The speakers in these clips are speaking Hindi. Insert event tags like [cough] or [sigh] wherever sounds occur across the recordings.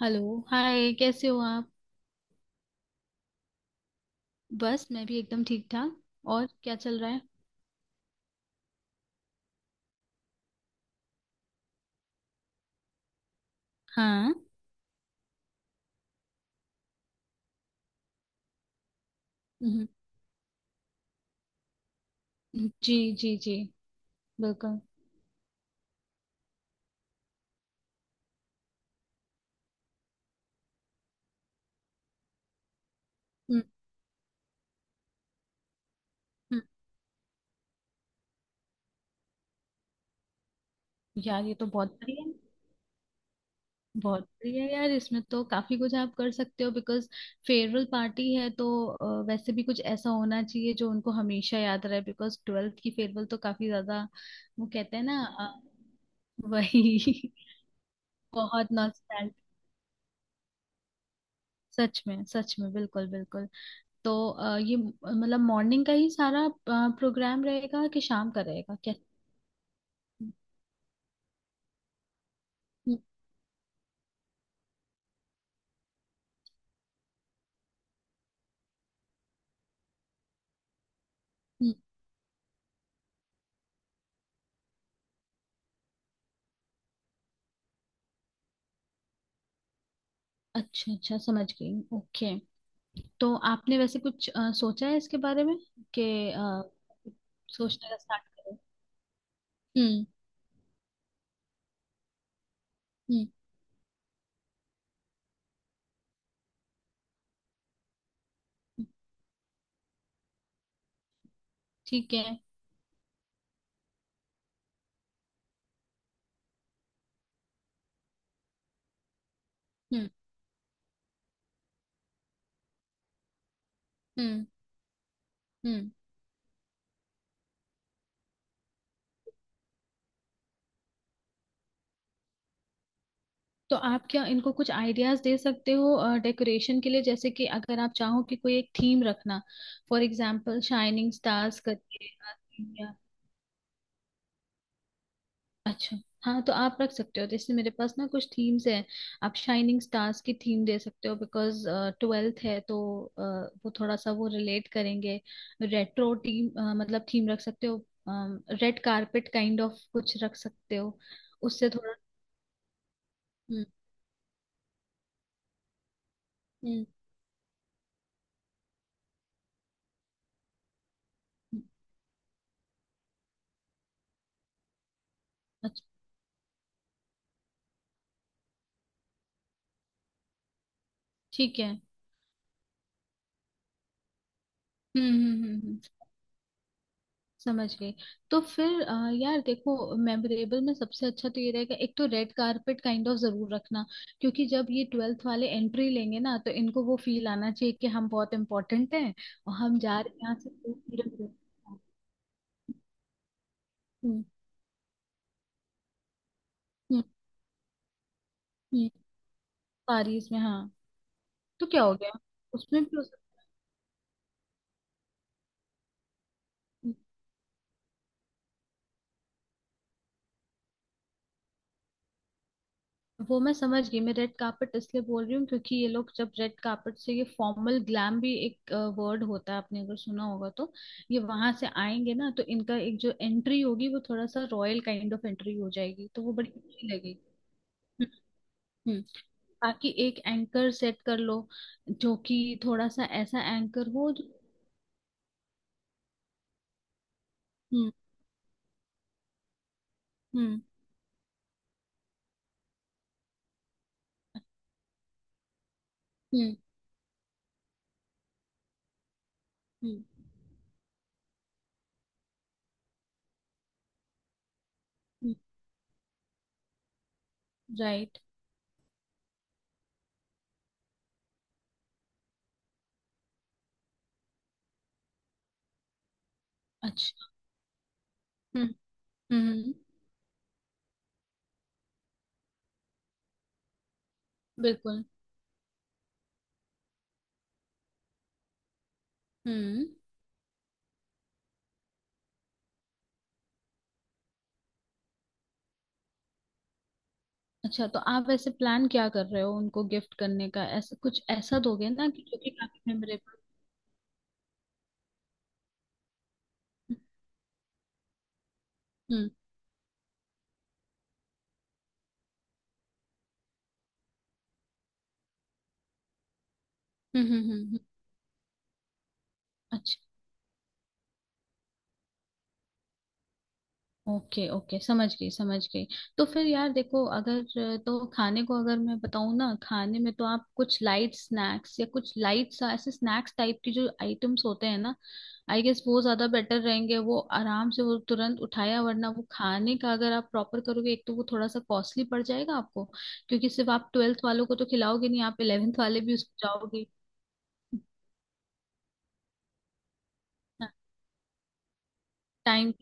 हेलो। हाय, कैसे हो आप? बस मैं भी एकदम ठीक ठाक। और क्या चल रहा है? हाँ। हम्म। जी जी जी। बिल्कुल। हम्म। हम्म। यार, ये तो बहुत बढ़िया है। बहुत बढ़िया है यार, इसमें तो काफी कुछ आप कर सकते हो, बिकॉज फेयरवेल पार्टी है तो वैसे भी कुछ ऐसा होना चाहिए जो उनको हमेशा याद रहे, बिकॉज ट्वेल्थ की फेयरवेल तो काफी ज्यादा। वो कहते हैं ना, वही। [laughs] बहुत नॉस्टैल्जिक। सच में सच में, बिल्कुल बिल्कुल। तो ये मतलब मॉर्निंग का ही सारा प्रोग्राम रहेगा कि शाम का रहेगा क्या? हम्म। हम्म। अच्छा अच्छा, समझ गई, ओके। तो आपने वैसे कुछ सोचा है इसके बारे में कि सोचने का स्टार्ट करें? हम्म। हम्म। ठीक है। हम्म। हम्म। हम्म। तो आप क्या इनको कुछ आइडियाज दे सकते हो डेकोरेशन के लिए? जैसे कि अगर आप चाहो कि कोई एक थीम रखना, फॉर एग्जांपल शाइनिंग स्टार्स करके। अच्छा। हाँ, तो आप रख सकते हो, जैसे मेरे पास ना कुछ थीम्स हैं। आप शाइनिंग स्टार्स की थीम दे सकते हो, बिकॉज ट्वेल्थ है तो अ, वो थोड़ा सा वो रिलेट करेंगे। रेट्रो टीम, मतलब थीम रख सकते हो। रेड कारपेट काइंड ऑफ कुछ रख सकते हो। उससे थोड़ा। हम्म। हम्म। हम्म। अच्छा। ठीक है। हम्म। हम्म। हम्म। हम्म। समझ गई। तो फिर यार देखो, मेमोरेबल में सबसे अच्छा तो ये रहेगा, एक तो रेड कारपेट काइंड ऑफ जरूर रखना। क्योंकि जब ये ट्वेल्थ वाले एंट्री लेंगे ना, तो इनको वो फील आना चाहिए कि हम बहुत इम्पोर्टेंट हैं, और हम जा रहे हैं यहाँ से, तो पूरे पूरे- हम्म। हम्म। हम्म। पेरिस में, हाँ। तो क्या हो गया, उसमें भी हो सकता। वो मैं समझ गई, मैं रेड कार्पेट इसलिए बोल रही हूँ क्योंकि ये लोग जब रेड कार्पेट से, ये फॉर्मल ग्लैम भी एक वर्ड होता है, आपने अगर सुना होगा तो, ये वहां से आएंगे ना तो इनका एक जो एंट्री होगी वो थोड़ा सा रॉयल काइंड ऑफ एंट्री हो जाएगी, तो वो बड़ी अच्छी लगेगी। हम्म। हम्म। बाकी एक एंकर सेट कर लो, जो कि थोड़ा सा ऐसा एंकर हो जो। हम्म। हम्म। हम्म। हम्म। राइट। अच्छा। हम्म। हम्म। बिल्कुल। हम्म। अच्छा, तो आप ऐसे प्लान क्या कर रहे हो उनको गिफ्ट करने का? ऐसा कुछ, ऐसा दोगे ना कि जो कि काफी मेमोरेबल। हम्म। हम्म। हम्म। हम्म। हम्म। हम्म। अच्छा। ओके ओके, समझ गई समझ गई। तो फिर यार देखो, अगर तो खाने को अगर मैं बताऊँ ना, खाने में तो आप कुछ लाइट स्नैक्स, या कुछ लाइट सा ऐसे स्नैक्स टाइप की जो आइटम्स होते हैं ना, आई गेस वो ज्यादा बेटर रहेंगे। वो आराम से, वो तुरंत उठाया, वरना वो खाने का अगर आप प्रॉपर करोगे एक तो वो थोड़ा सा कॉस्टली पड़ जाएगा आपको, क्योंकि सिर्फ आप ट्वेल्थ वालों को तो खिलाओगे नहीं, आप इलेवेंथ वाले भी उसको जाओगे। टाइम।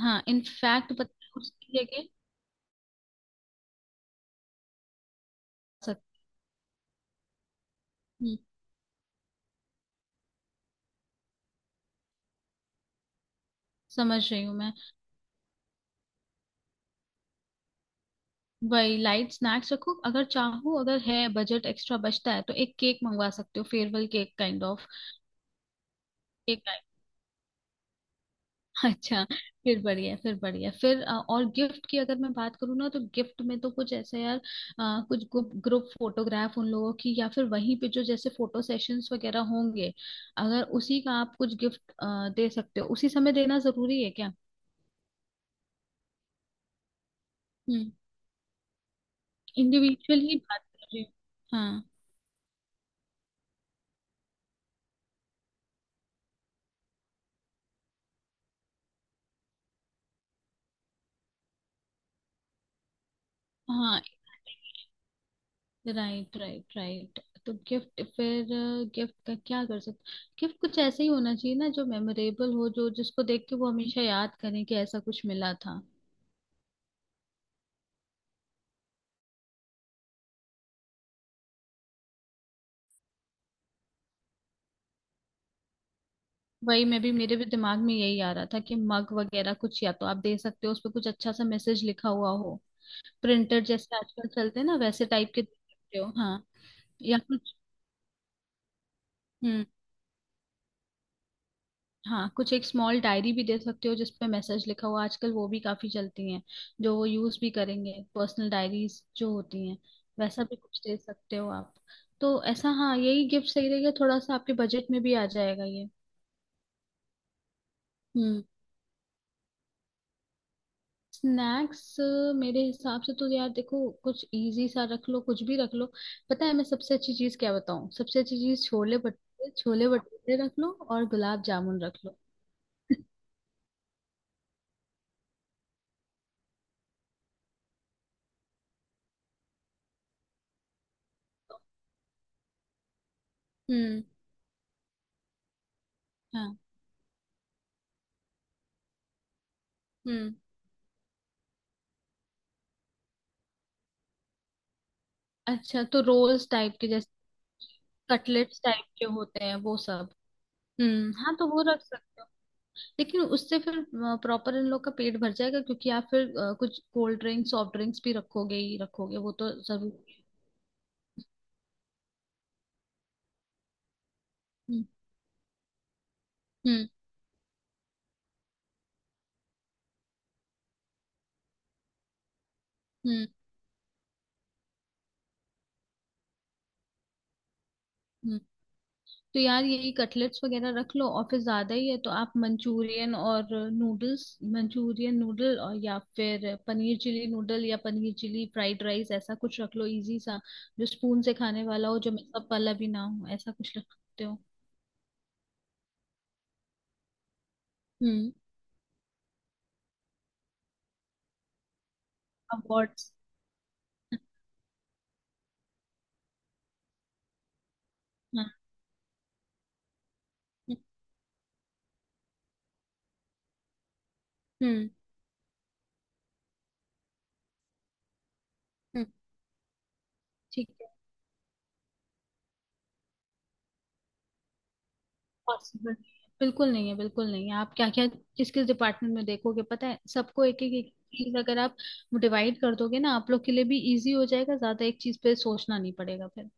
हाँ इनफैक्ट, पता है, उसकी जगह। सक- हम्म। समझ रही हूँ मैं। वही लाइट स्नैक्स रखो, अगर चाहो, अगर है बजट एक्स्ट्रा बचता है तो एक केक मंगवा सकते हो, farewell cake kind of. Cake. [laughs] अच्छा फिर बढ़िया है, फिर बढ़िया है। फिर और गिफ्ट की अगर मैं बात करूँ ना, तो गिफ्ट में तो कुछ ऐसा यार, कुछ ग्रुप फोटोग्राफ उन लोगों की, या फिर वहीं पे जो जैसे फोटो सेशंस वगैरह होंगे, अगर उसी का आप कुछ गिफ्ट दे सकते हो। उसी समय देना जरूरी है क्या? हम्म। इंडिविजुअल ही बात कर रही हूँ। हाँ। हाँ। Right right right. तो गिफ्ट फिर, गिफ्ट का क्या कर सकते? गिफ्ट कुछ ऐसा ही होना चाहिए ना जो मेमोरेबल हो, जो, जिसको देख के वो हमेशा याद करें कि ऐसा कुछ मिला था। वही, मैं भी, मेरे भी दिमाग में यही आ रहा था कि मग वगैरह कुछ, या तो आप दे सकते हो, उस पर कुछ अच्छा सा मैसेज लिखा हुआ हो। प्रिंटर जैसे आजकल चलते हैं ना, वैसे टाइप के दे सकते हो, हाँ। या कुछ। हम्म। हाँ, कुछ एक स्मॉल डायरी भी दे सकते हो, जिसपे मैसेज लिखा हुआ, आजकल वो भी काफी चलती हैं। जो वो यूज भी करेंगे, पर्सनल डायरीज जो होती हैं, वैसा भी कुछ दे सकते हो आप। तो ऐसा, हाँ यही गिफ्ट सही रहेगा, थोड़ा सा आपके बजट में भी आ जाएगा ये। हम्म। स्नैक्स। मेरे हिसाब से तो यार देखो, कुछ इजी सा रख लो, कुछ भी रख लो। पता है मैं सबसे अच्छी चीज क्या बताऊँ? सबसे अच्छी चीज छोले भटूरे, छोले भटूरे रख लो और गुलाब जामुन रख लो। [laughs] हम्म। हाँ। हम्म। अच्छा, तो रोल्स टाइप के, जैसे कटलेट्स टाइप के होते हैं वो सब। हम्म, हाँ, तो वो रख सकते हो। लेकिन उससे फिर प्रॉपर इन लोग का पेट भर जाएगा, क्योंकि आप फिर कुछ कोल्ड ड्रिंक्स, सॉफ्ट ड्रिंक्स भी रखोगे ही रखोगे, वो तो जरूरी है। हम्म। हम्म। हम्म। हम्म। तो यार, यही कटलेट्स वगैरह रख लो। और फिर ज्यादा ही है तो आप मंचूरियन और नूडल्स, मंचूरियन नूडल, और या फिर पनीर चिली नूडल, या पनीर चिली फ्राइड राइस, ऐसा कुछ रख लो इजी सा। जो स्पून से खाने वाला हो, जो मतलब वाला भी ना हो, ऐसा कुछ रख सकते हो। हम्म। अवार्ड्स। हाँ। हम्म। हम्म। हम्म। ठीक है। पॉसिबल बिल्कुल नहीं है, बिल्कुल नहीं है। आप क्या क्या, किस किस डिपार्टमेंट में देखोगे? पता है, सबको एक एक एक चीज अगर आप डिवाइड कर दोगे ना, आप लोग के लिए भी इजी हो जाएगा, ज्यादा एक चीज पे सोचना नहीं पड़ेगा फिर।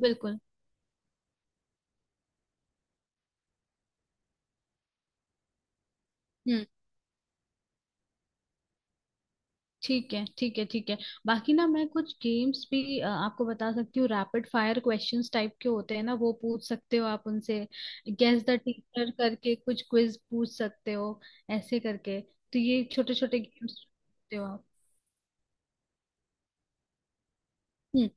बिल्कुल। हम्म। ठीक है ठीक है ठीक है। बाकी ना, मैं कुछ गेम्स भी आपको बता सकती हूँ। रैपिड फायर क्वेश्चंस टाइप के होते हैं ना, वो पूछ सकते हो आप उनसे। गेस द टीचर करके कुछ क्विज पूछ सकते हो। ऐसे करके तो ये छोटे छोटे गेम्स हो आप। हम्म।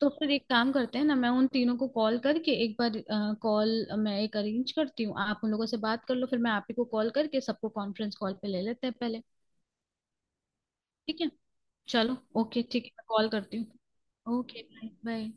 तो फिर एक काम करते हैं ना, मैं उन तीनों को कॉल करके एक बार, कॉल, मैं एक अरेंज करती हूँ, आप उन लोगों से बात कर लो, फिर मैं आप ही को कॉल करके सबको कॉन्फ्रेंस कॉल पे ले लेते हैं पहले। ठीक है। चलो ओके ठीक है, मैं कॉल करती हूँ। Okay, bye bye.